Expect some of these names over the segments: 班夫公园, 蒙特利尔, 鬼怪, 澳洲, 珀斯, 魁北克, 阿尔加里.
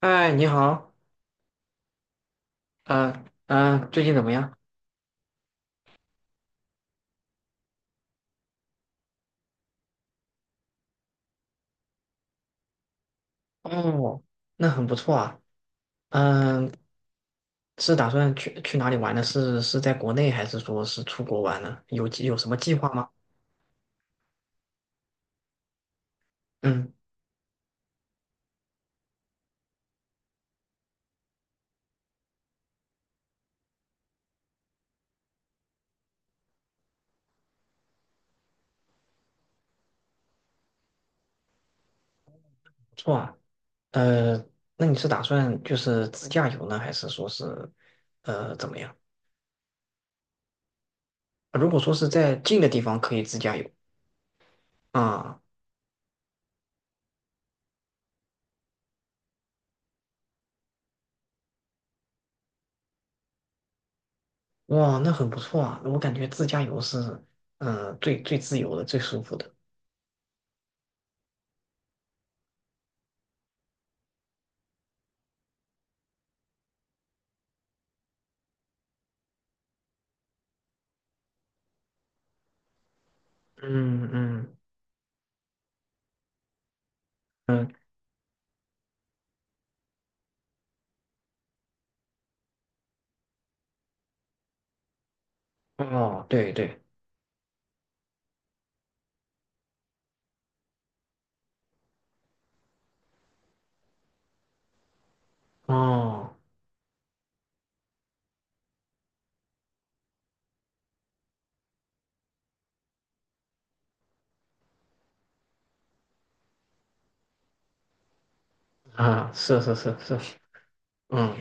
哎，你好。最近怎么样？哦，那很不错啊。嗯、是打算去哪里玩呢？是在国内还是说是出国玩呢？有什么计划吗？嗯，不错啊。呃，那你是打算就是自驾游呢，还是说是怎么样？如果说是在近的地方可以自驾游啊。哇，那很不错啊。我感觉自驾游是最自由的、最舒服的。嗯嗯。嗯，哦，对对。哦。啊，是是是是。嗯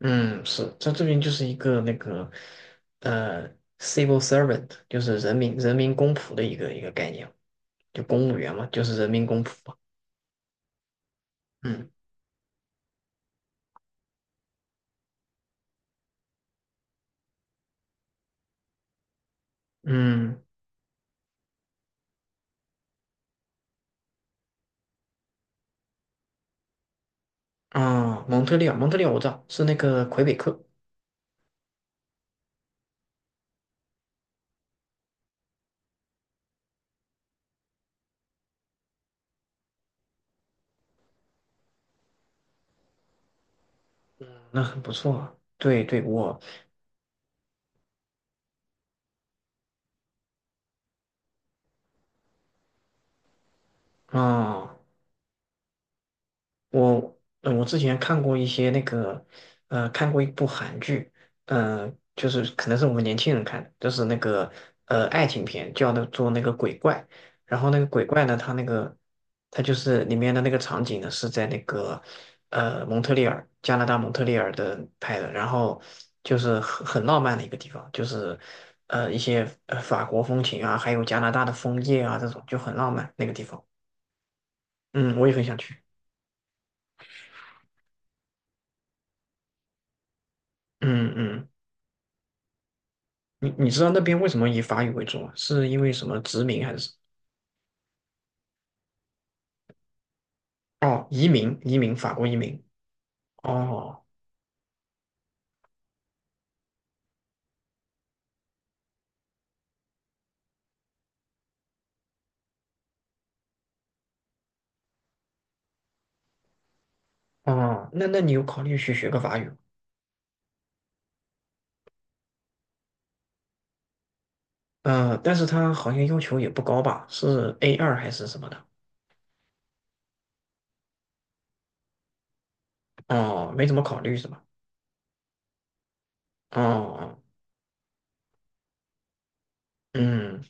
嗯。是，他这边就是一个那个呃，civil servant,就是人民公仆的一个概念，就公务员嘛，就是人民公仆嘛。嗯嗯。啊，蒙特利尔，蒙特利尔我知道是那个魁北克。那很不错啊。对对，我啊。我我之前看过一些那个，看过一部韩剧，就是可能是我们年轻人看的，就是那个爱情片，叫的做那个鬼怪。然后那个鬼怪呢，它那个它就是里面的那个场景呢是在那个蒙特利尔，加拿大蒙特利尔的拍的，然后就是很浪漫的一个地方，就是一些法国风情啊，还有加拿大的枫叶啊，这种就很浪漫那个地方。嗯，我也很想去。嗯嗯。你知道那边为什么以法语为主吗？是因为什么殖民还是什么？哦，移民，移民，法国移民。哦。哦，那那你有考虑去学个法语？嗯，但是他好像要求也不高吧？是 A 二还是什么的？哦，没怎么考虑是吧？哦。嗯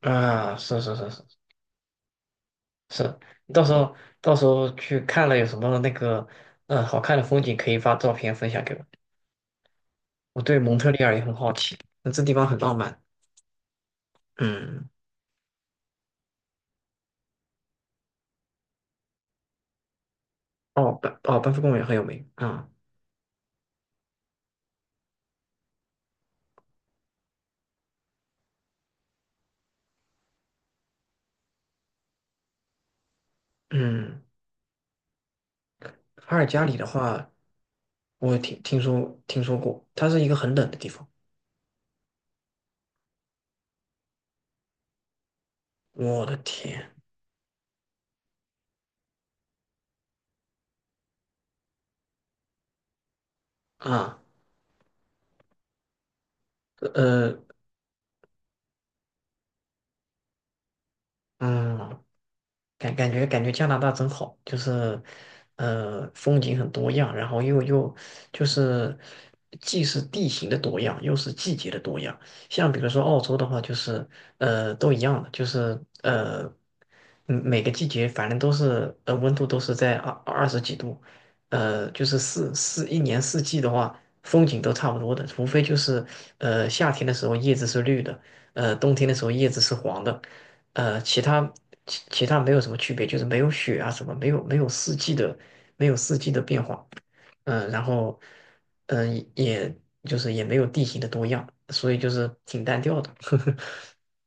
是是是是是。你到时候到时候去看了有什么那个好看的风景，可以发照片分享给我。我对蒙特利尔也很好奇，那这地方很浪漫。嗯。哦，班夫公园很有名啊。嗯，阿尔加里的话，我听说过，它是一个很冷的地方。我的天啊。呃，呃嗯，感觉加拿大真好，就是风景很多样，然后又就是，既是地形的多样，又是季节的多样。像比如说澳洲的话，就是都一样的，就是每个季节反正都是温度都是在二十几度，就是一年四季的话，风景都差不多的，除非就是夏天的时候叶子是绿的，冬天的时候叶子是黄的。呃，其他其他没有什么区别，就是没有雪啊什么，没有四季的，没有四季的变化。嗯、然后也就是也没有地形的多样，所以就是挺单调的，呵呵，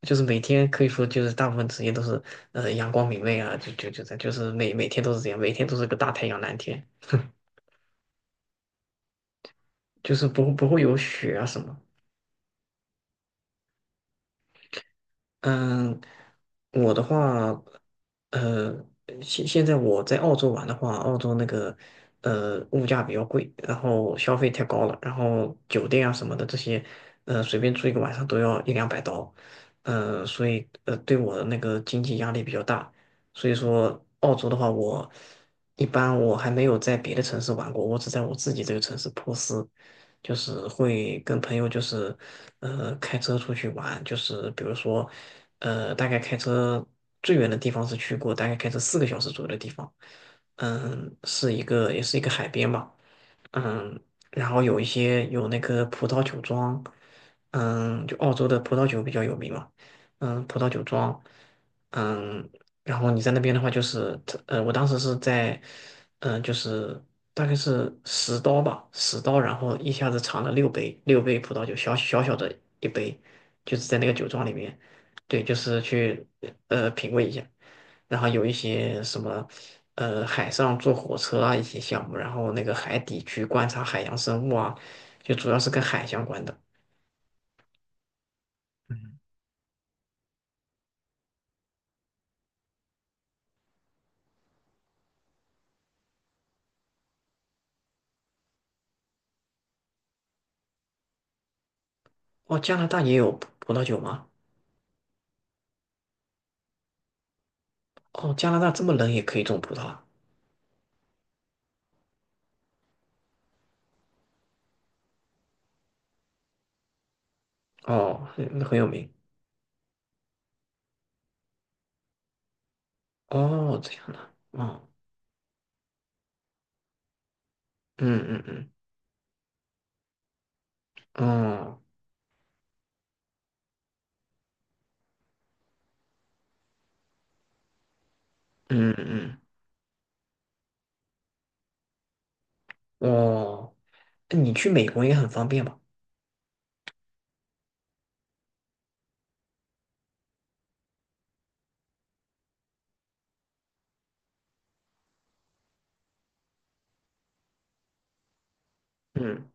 就是每天可以说就是大部分时间都是阳光明媚啊，就是每天都是这样，每天都是个大太阳蓝天，就是不会有雪啊什么。嗯，我的话，呃，现在我在澳洲玩的话，澳洲那个物价比较贵，然后消费太高了，然后酒店啊什么的这些，随便住一个晚上都要一两百刀。所以对我的那个经济压力比较大，所以说澳洲的话，我一般我还没有在别的城市玩过，我只在我自己这个城市珀斯，就是会跟朋友就是开车出去玩，就是比如说大概开车最远的地方是去过，大概开车四个小时左右的地方。嗯，是一个也是一个海边吧。嗯，然后有一些有那个葡萄酒庄。嗯，就澳洲的葡萄酒比较有名嘛。嗯，葡萄酒庄。嗯。然后你在那边的话，就是我当时是在，就是大概是十刀吧，十刀，然后一下子尝了六杯，六杯葡萄酒，小小的一杯，就是在那个酒庄里面。对，就是去品味一下，然后有一些什么海上坐火车啊一些项目，然后那个海底去观察海洋生物啊，就主要是跟海相关的。嗯。哦，加拿大也有葡萄酒吗？哦，加拿大这么冷也可以种葡萄啊？哦，很有名。哦，这样的。哦。嗯嗯嗯。哦。嗯嗯。哦，那你去美国也很方便吧？嗯，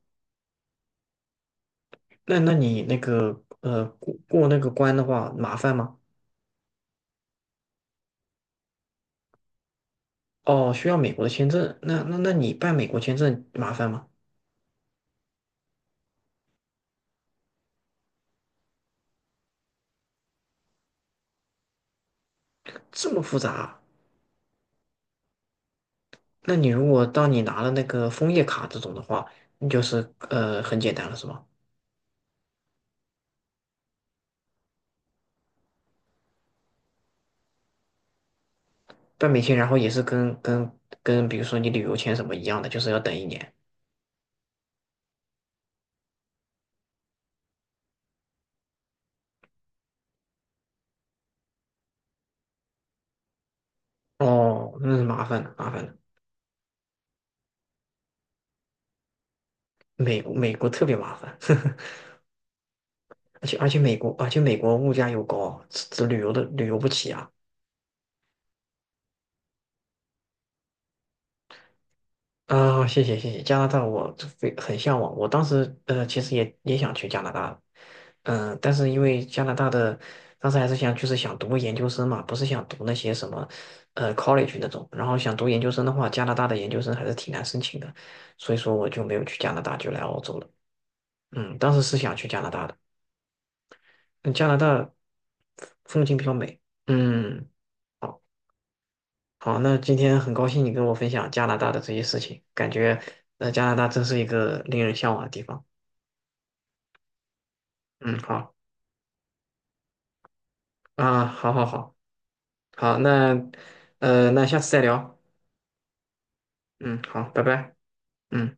那你那个过那个关的话麻烦吗？哦，需要美国的签证，那你办美国签证麻烦吗？这么复杂啊。那你如果当你拿了那个枫叶卡这种的话，那就是很简单了是吗？办美签然后也是跟比如说你旅游签什么一样的，就是要等一年。哦，那是麻烦的，麻烦的。美国特别麻烦。而且美国物价又高，这旅游的旅游不起啊！啊，谢谢谢谢，加拿大我非很向往，我当时其实也想去加拿大。但是因为加拿大的当时还是想就是想读个研究生嘛，不是想读那些什么college 那种，然后想读研究生的话，加拿大的研究生还是挺难申请的，所以说我就没有去加拿大，就来澳洲了。嗯，当时是想去加拿大的。嗯，加拿大风景比较美。嗯。好。好，那今天很高兴你跟我分享加拿大的这些事情，感觉加拿大真是一个令人向往的地方。嗯，好啊，好好好好，那那下次再聊。嗯，好，拜拜。嗯。